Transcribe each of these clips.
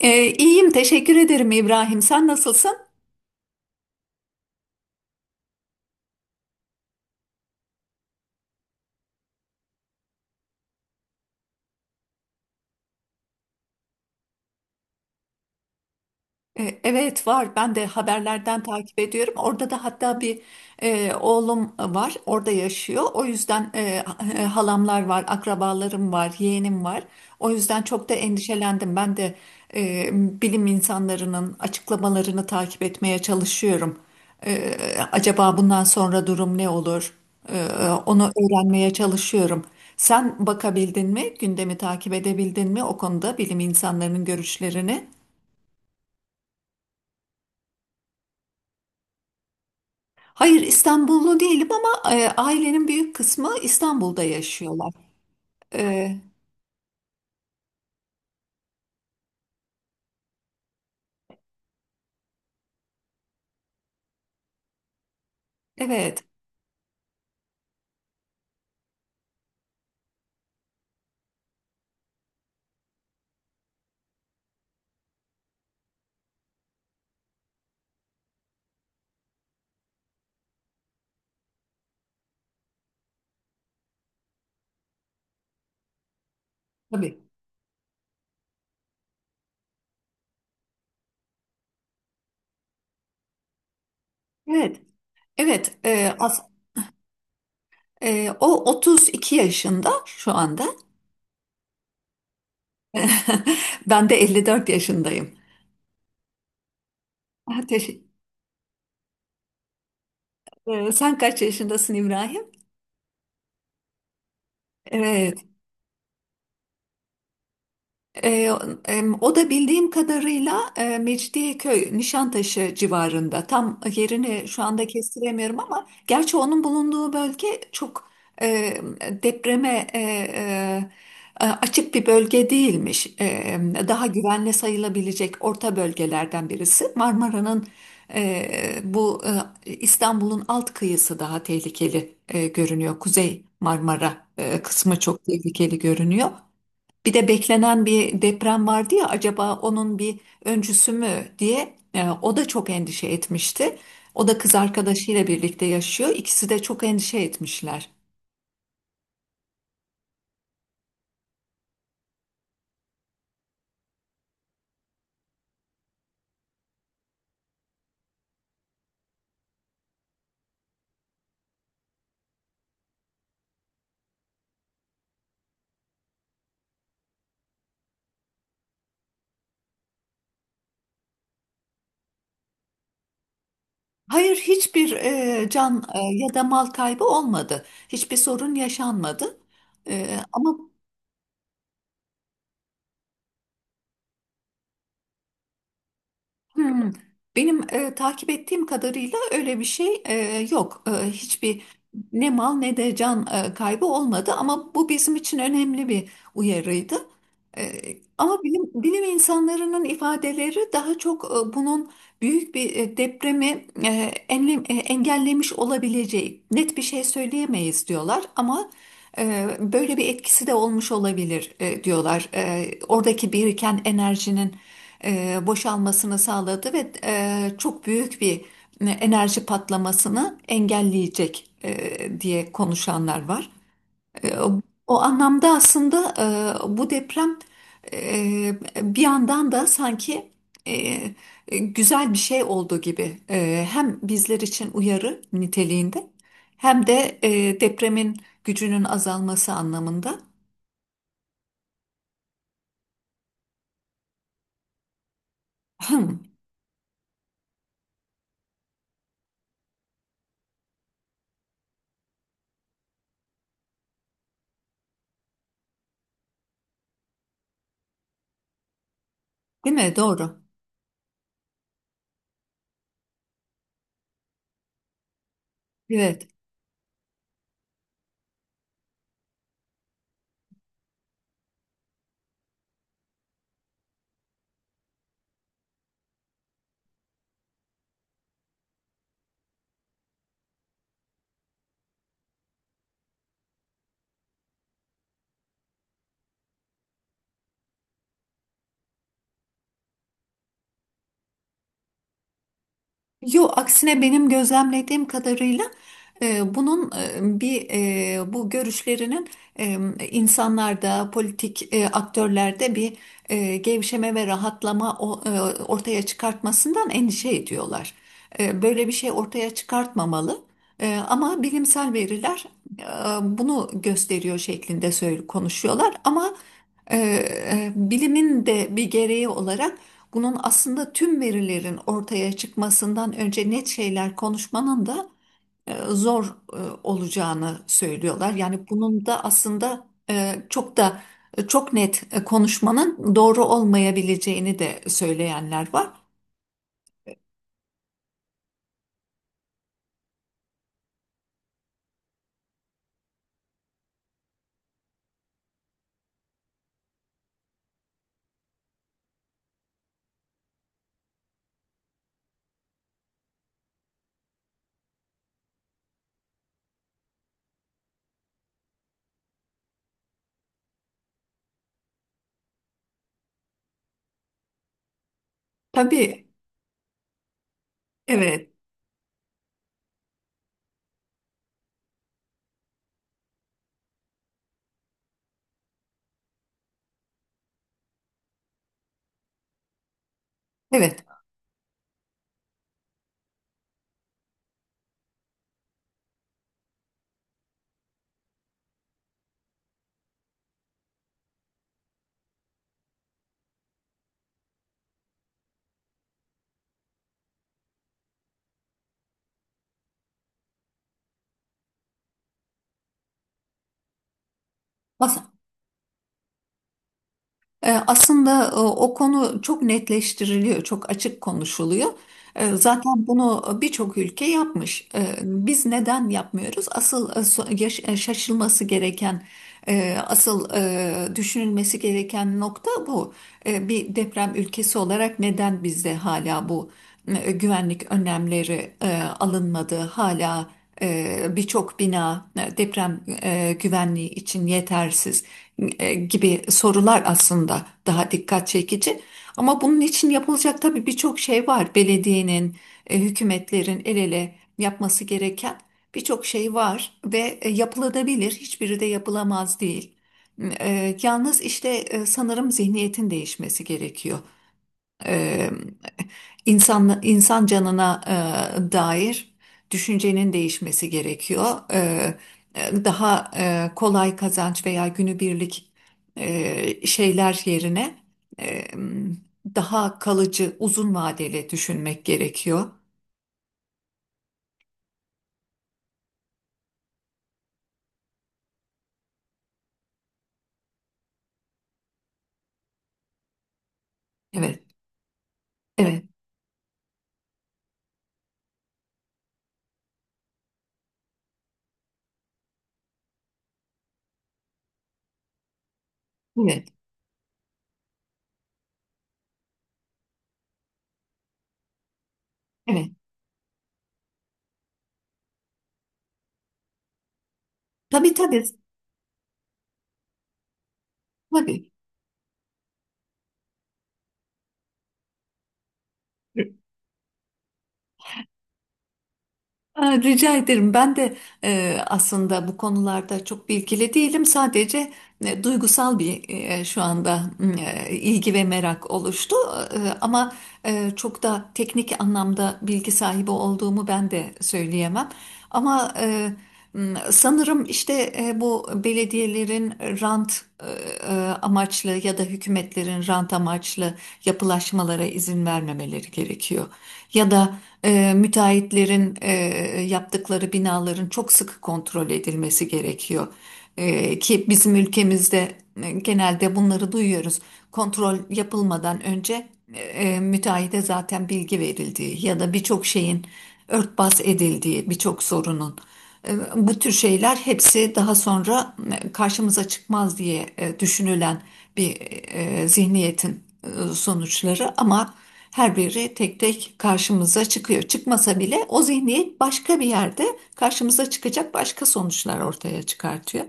İyiyim, teşekkür ederim İbrahim. Sen nasılsın? Evet var. Ben de haberlerden takip ediyorum. Orada da hatta bir oğlum var. Orada yaşıyor. O yüzden halamlar var, akrabalarım var, yeğenim var. O yüzden çok da endişelendim. Ben de bilim insanlarının açıklamalarını takip etmeye çalışıyorum. E, Acaba bundan sonra durum ne olur? E, Onu öğrenmeye çalışıyorum. Sen bakabildin mi? Gündemi takip edebildin mi o konuda bilim insanlarının görüşlerini? Hayır, İstanbullu değilim ama ailenin büyük kısmı İstanbul'da yaşıyorlar. E, evet, tabii. Evet, evet. O 32 yaşında şu anda. Ben de 54 yaşındayım. Ah, teşekkür- Sen kaç yaşındasın İbrahim? Evet. Ee, O da bildiğim kadarıyla Mecidiyeköy, Nişantaşı civarında. Tam yerini şu anda kestiremiyorum ama gerçi onun bulunduğu bölge çok e, depreme açık bir bölge değilmiş. Daha güvenli sayılabilecek orta bölgelerden birisi. Marmara'nın e, bu İstanbul'un alt kıyısı daha tehlikeli görünüyor. Kuzey Marmara kısmı çok tehlikeli görünüyor. Bir de beklenen bir deprem vardı ya, acaba onun bir öncüsü mü diye o da çok endişe etmişti. O da kız arkadaşıyla birlikte yaşıyor. İkisi de çok endişe etmişler. Hayır, hiçbir can ya da mal kaybı olmadı. Hiçbir sorun yaşanmadı. E, ama Hmm. Benim takip ettiğim kadarıyla öyle bir şey yok. Hiçbir ne mal ne de can kaybı olmadı ama bu bizim için önemli bir uyarıydı. E, Ama bilim insanlarının ifadeleri daha çok bunun büyük bir depremi engellemiş olabileceği net bir şey söyleyemeyiz diyorlar ama böyle bir etkisi de olmuş olabilir diyorlar. Oradaki biriken enerjinin boşalmasını sağladı ve çok büyük bir enerji patlamasını engelleyecek diye konuşanlar var. E, O anlamda aslında bu deprem e, bir yandan da sanki güzel bir şey olduğu gibi, hem bizler için uyarı niteliğinde hem de depremin gücünün azalması anlamında. Hmm, değil mi? Doğru. Evet. Yo, aksine benim gözlemlediğim kadarıyla bunun bu görüşlerinin e, insanlarda, politik aktörlerde bir gevşeme ve rahatlama ortaya çıkartmasından endişe ediyorlar. Böyle bir şey ortaya çıkartmamalı. Ama bilimsel veriler e, bunu gösteriyor şeklinde söyle konuşuyorlar. Ama bilimin de bir gereği olarak. Bunun aslında tüm verilerin ortaya çıkmasından önce net şeyler konuşmanın da zor e, olacağını söylüyorlar. Yani bunun da aslında çok da çok net konuşmanın doğru olmayabileceğini de söyleyenler var. Tabii, evet, evet. As- Aslında o konu çok netleştiriliyor, çok açık konuşuluyor. Zaten bunu birçok ülke yapmış. Biz neden yapmıyoruz? Asıl şaşılması gereken, asıl düşünülmesi gereken nokta bu. Bir deprem ülkesi olarak neden bizde hala bu güvenlik önlemleri alınmadı? Hala birçok bina deprem güvenliği için yetersiz gibi sorular aslında daha dikkat çekici. Ama bunun için yapılacak tabii birçok şey var. Belediyenin, hükümetlerin el ele yapması gereken birçok şey var ve yapılabilir. Hiçbiri de yapılamaz değil. Yalnız işte sanırım zihniyetin değişmesi gerekiyor. E, İnsan, insan canına dair düşüncenin değişmesi gerekiyor. E, Daha kolay kazanç veya günübirlik şeyler yerine e, daha kalıcı, uzun vadeli düşünmek gerekiyor. Evet, evet, evet, evet. Tabii, tabii, tabii. Aa, rica ederim. Ben de aslında bu konularda çok bilgili değilim. Sadece duygusal bir şu anda ilgi ve merak oluştu. Ama çok da teknik anlamda bilgi sahibi olduğumu ben de söyleyemem. Ama sanırım işte bu belediyelerin rant e, amaçlı ya da hükümetlerin rant amaçlı yapılaşmalara izin vermemeleri gerekiyor. Ya da müteahhitlerin yaptıkları binaların çok sıkı kontrol edilmesi gerekiyor. Ki bizim ülkemizde genelde bunları duyuyoruz. Kontrol yapılmadan önce müteahhide zaten bilgi verildiği ya da birçok şeyin örtbas edildiği, birçok sorunun. Bu tür şeyler hepsi daha sonra karşımıza çıkmaz diye düşünülen bir zihniyetin sonuçları ama her biri tek tek karşımıza çıkıyor. Çıkmasa bile o zihniyet başka bir yerde karşımıza çıkacak başka sonuçlar ortaya çıkartıyor.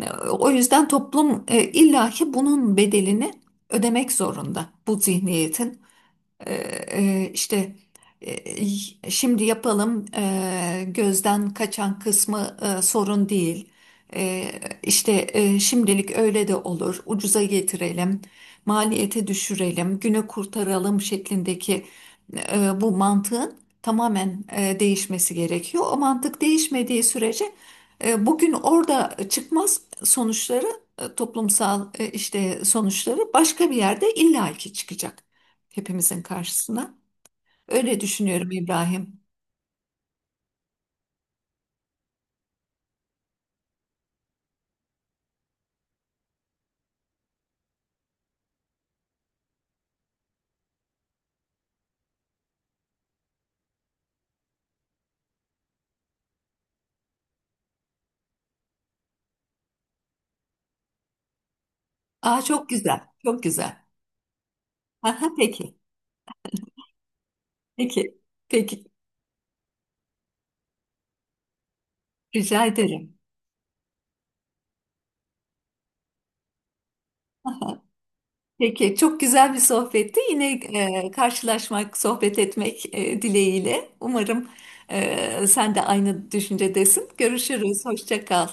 O yüzden toplum illaki bunun bedelini ödemek zorunda. Bu zihniyetin ee, işte şimdi yapalım, gözden kaçan kısmı sorun değil. E, işte şimdilik öyle de olur. Ucuza getirelim, maliyeti düşürelim, günü kurtaralım şeklindeki bu mantığın tamamen değişmesi gerekiyor. O mantık değişmediği sürece bugün orada çıkmaz sonuçları toplumsal işte sonuçları başka bir yerde illaki çıkacak hepimizin karşısına. Öyle düşünüyorum İbrahim. Aa, çok güzel, çok güzel. Aha, peki, peki, peki. Rica ederim. Aha, peki, çok güzel bir sohbetti. Yine karşılaşmak, sohbet etmek dileğiyle. Umarım sen de aynı düşüncedesin. Görüşürüz, hoşça kal.